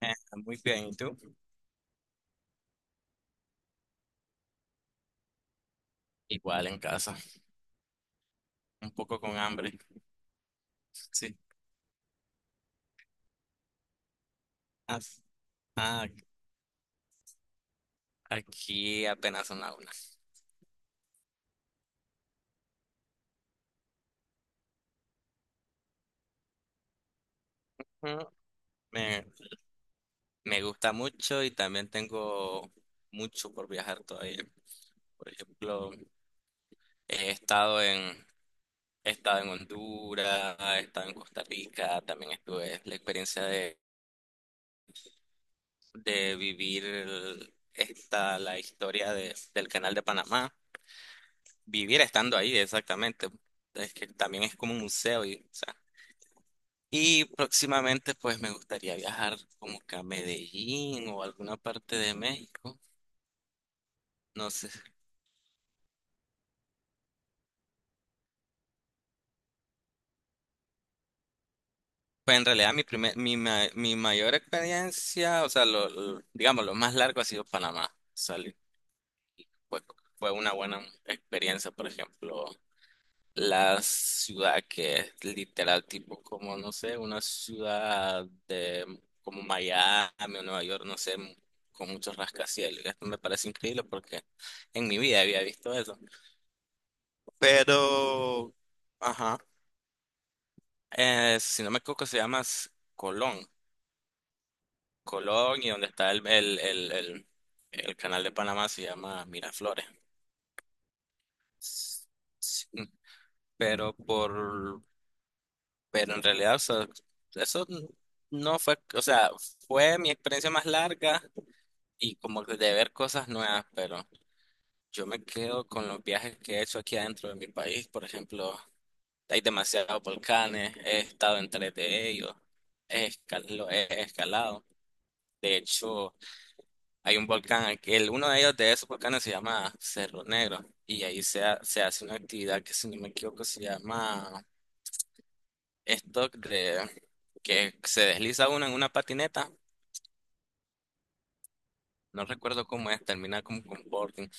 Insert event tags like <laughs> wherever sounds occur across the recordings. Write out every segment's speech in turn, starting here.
Eh, Muy bien, ¿y tú? Igual en casa, un poco con hambre. Sí. Ah, ah, Aquí apenas son las una. Mm, Me, me gusta mucho y también tengo mucho por viajar todavía. Por ejemplo, he estado en, he estado en Honduras, he estado en Costa Rica, también estuve la experiencia de vivir la historia del canal de Panamá. Vivir estando ahí, exactamente. Es que también es como un museo y, o sea, y próximamente pues me gustaría viajar como que a Medellín o alguna parte de México. No sé. Pues en realidad mi primer, mi, ma- mi mayor experiencia, o sea, digamos, lo más largo ha sido Panamá. Salí. Fue, fue una buena experiencia, por ejemplo. La ciudad que es literal tipo como, no sé, una ciudad de como Miami o Nueva York, no sé, con muchos rascacielos. Esto me parece increíble porque en mi vida había visto eso. Pero, ajá, si no me equivoco, se llama Colón. Colón, y donde está el canal de Panamá se llama Miraflores. Sí, Pero por Pero en realidad, o sea, eso no fue, o sea, fue mi experiencia más larga y como que de ver cosas nuevas, pero yo me quedo con los viajes que he hecho aquí adentro de mi país. Por ejemplo, hay demasiados volcanes, he estado en tres de ellos, he escalado. De hecho, hay un volcán, uno de ellos, de esos volcanes se llama Cerro Negro, y ahí se hace una actividad que, si no me equivoco, se llama stock de que se desliza uno en una patineta. No recuerdo cómo es, termina como con boarding,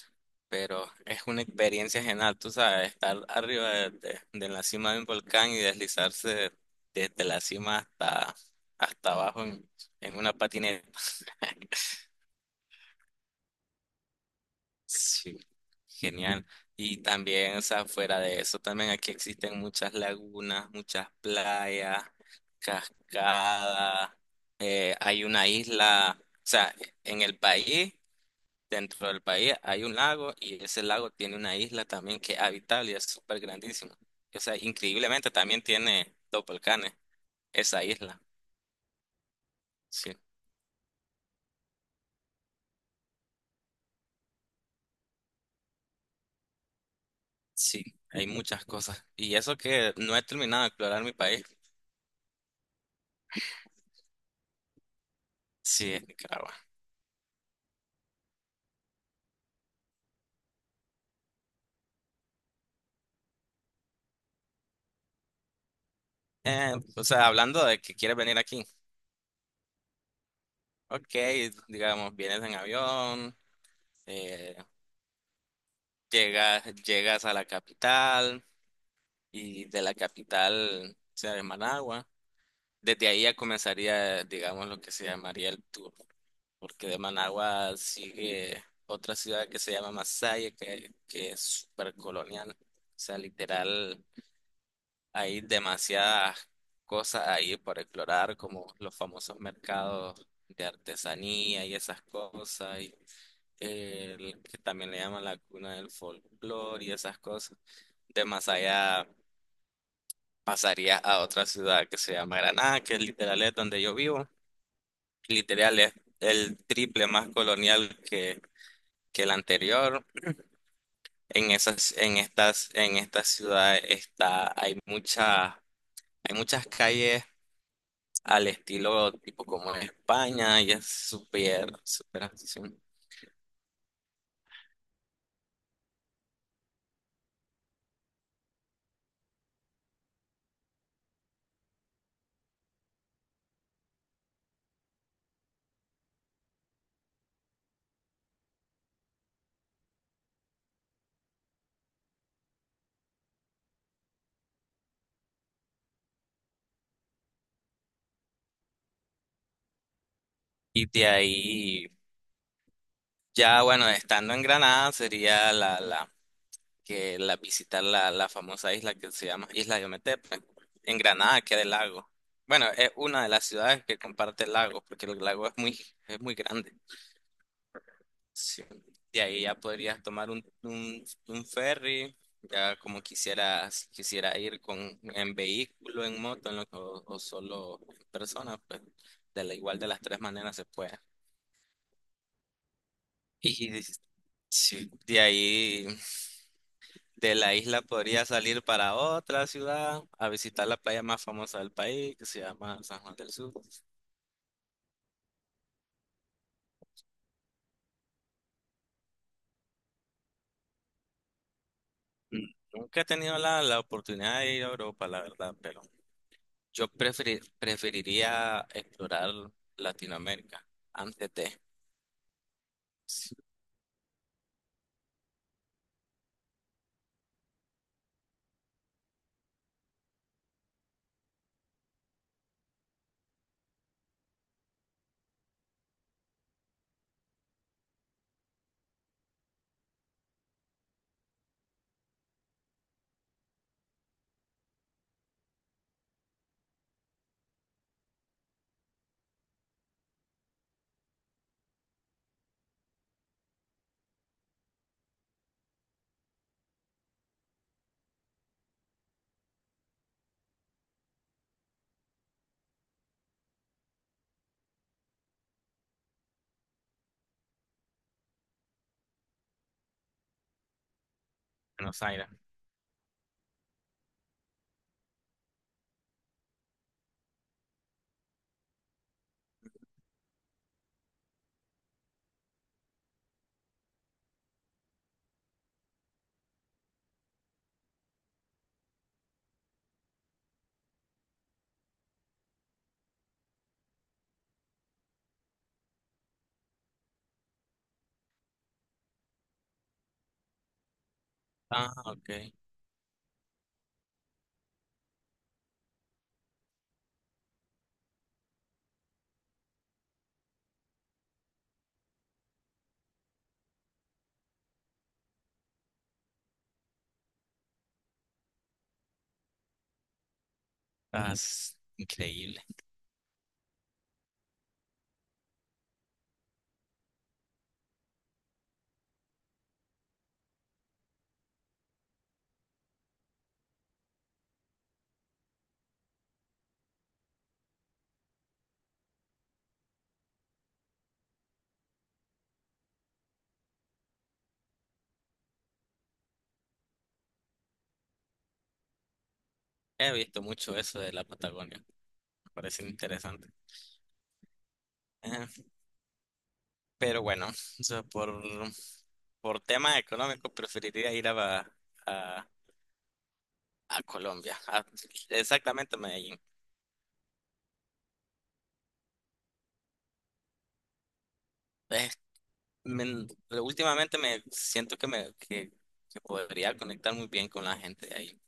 pero es una experiencia genial, tú sabes, estar arriba de la cima de un volcán, y deslizarse desde la cima hasta abajo, en una patineta. <laughs> Sí, genial. Y también, o sea, fuera de eso, también aquí existen muchas lagunas, muchas playas, cascadas. Hay una isla, o sea, en el país, dentro del país, hay un lago y ese lago tiene una isla también que es habitable y es súper grandísimo. O sea, increíblemente también tiene dos volcanes, esa isla. Sí, sí, hay muchas cosas. Y eso que no he terminado de explorar mi país. Sí, es Nicaragua. O sea, hablando de que quieres venir aquí. Ok, digamos, vienes en avión, eh, llegas a la capital, y de la capital, o sea, de Managua, desde ahí ya comenzaría, digamos, lo que se llamaría el tour, porque de Managua sigue otra ciudad que se llama Masaya, que es súper colonial, o sea, literal. Hay demasiadas cosas ahí por explorar, como los famosos mercados de artesanía y esas cosas, y el que también le llaman la cuna del folclore y esas cosas. De más allá pasaría a otra ciudad que se llama Granada, que es literal, es donde yo vivo. Literal es el triple más colonial que el anterior. En esta ciudad está, hay muchas calles al estilo tipo como en España, y es súper, súper accesible. Y de ahí, ya bueno, estando en Granada sería la, la, que la visitar la, la famosa isla que se llama Isla de Ometepe. En Granada queda el lago. Bueno, es una de las ciudades que comparte el lago, porque el lago es muy grande. Sí. De ahí ya podrías tomar un ferry, ya como quisieras, quisiera ir con en vehículo, en moto, en lo- o solo en persona, pues de la igual de las tres maneras se puede. Y de- sí, de ahí, de la isla podría salir para otra ciudad a visitar la playa más famosa del país, que se llama San Juan del Sur. Mm, Nunca he tenido la oportunidad de ir a Europa, la verdad, pero yo preferiría explorar Latinoamérica antes de Buenos Aires. Ah, ok. Estás increíble. He visto mucho eso de la Patagonia. Me parece interesante. Eh, pero bueno, o sea, por tema económico preferiría ir a, a Colombia. Exactamente a Medellín. Eh, me- Últimamente me siento que podría conectar muy bien con la gente de ahí.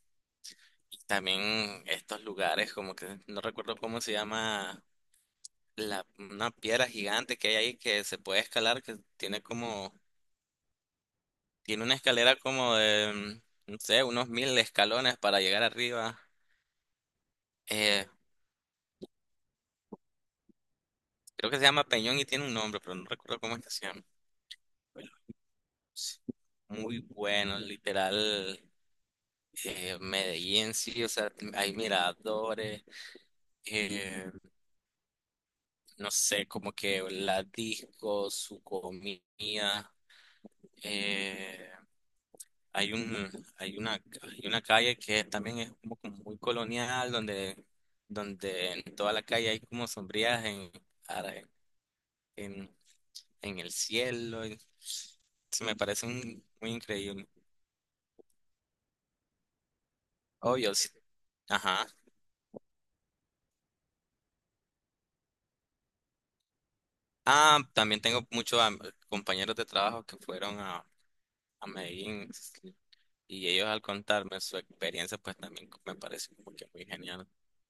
Y también estos lugares, como que no recuerdo cómo se llama, la, una piedra gigante que hay ahí que se puede escalar, que tiene como, tiene una escalera como de, no sé, unos 1.000 escalones para llegar arriba. Eh, Creo que se llama Peñón y tiene un nombre, pero no recuerdo cómo es que se llama. Pero sí, muy bueno, literal. Medellín, sí, o sea, hay miradores, eh, no sé, como que la disco, su comida. eh, hay un, hay una, hay una calle que también es como, como muy colonial, donde en toda la calle hay como sombrías en, ara- en, en el cielo. Y se me parece muy increíble. Obvio, sí. Ajá. Ah, también tengo muchos compañeros de trabajo que fueron a Medellín, y ellos, al contarme su experiencia, pues también me parece como que muy genial.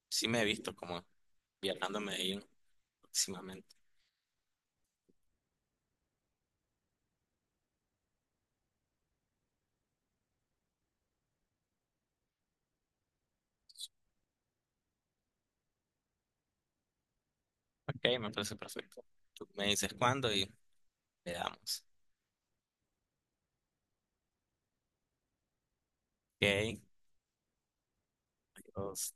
Sí, me he visto como viajando a Medellín próximamente. Ok, me parece perfecto. Tú me dices cuándo y le damos. Ok, Dios.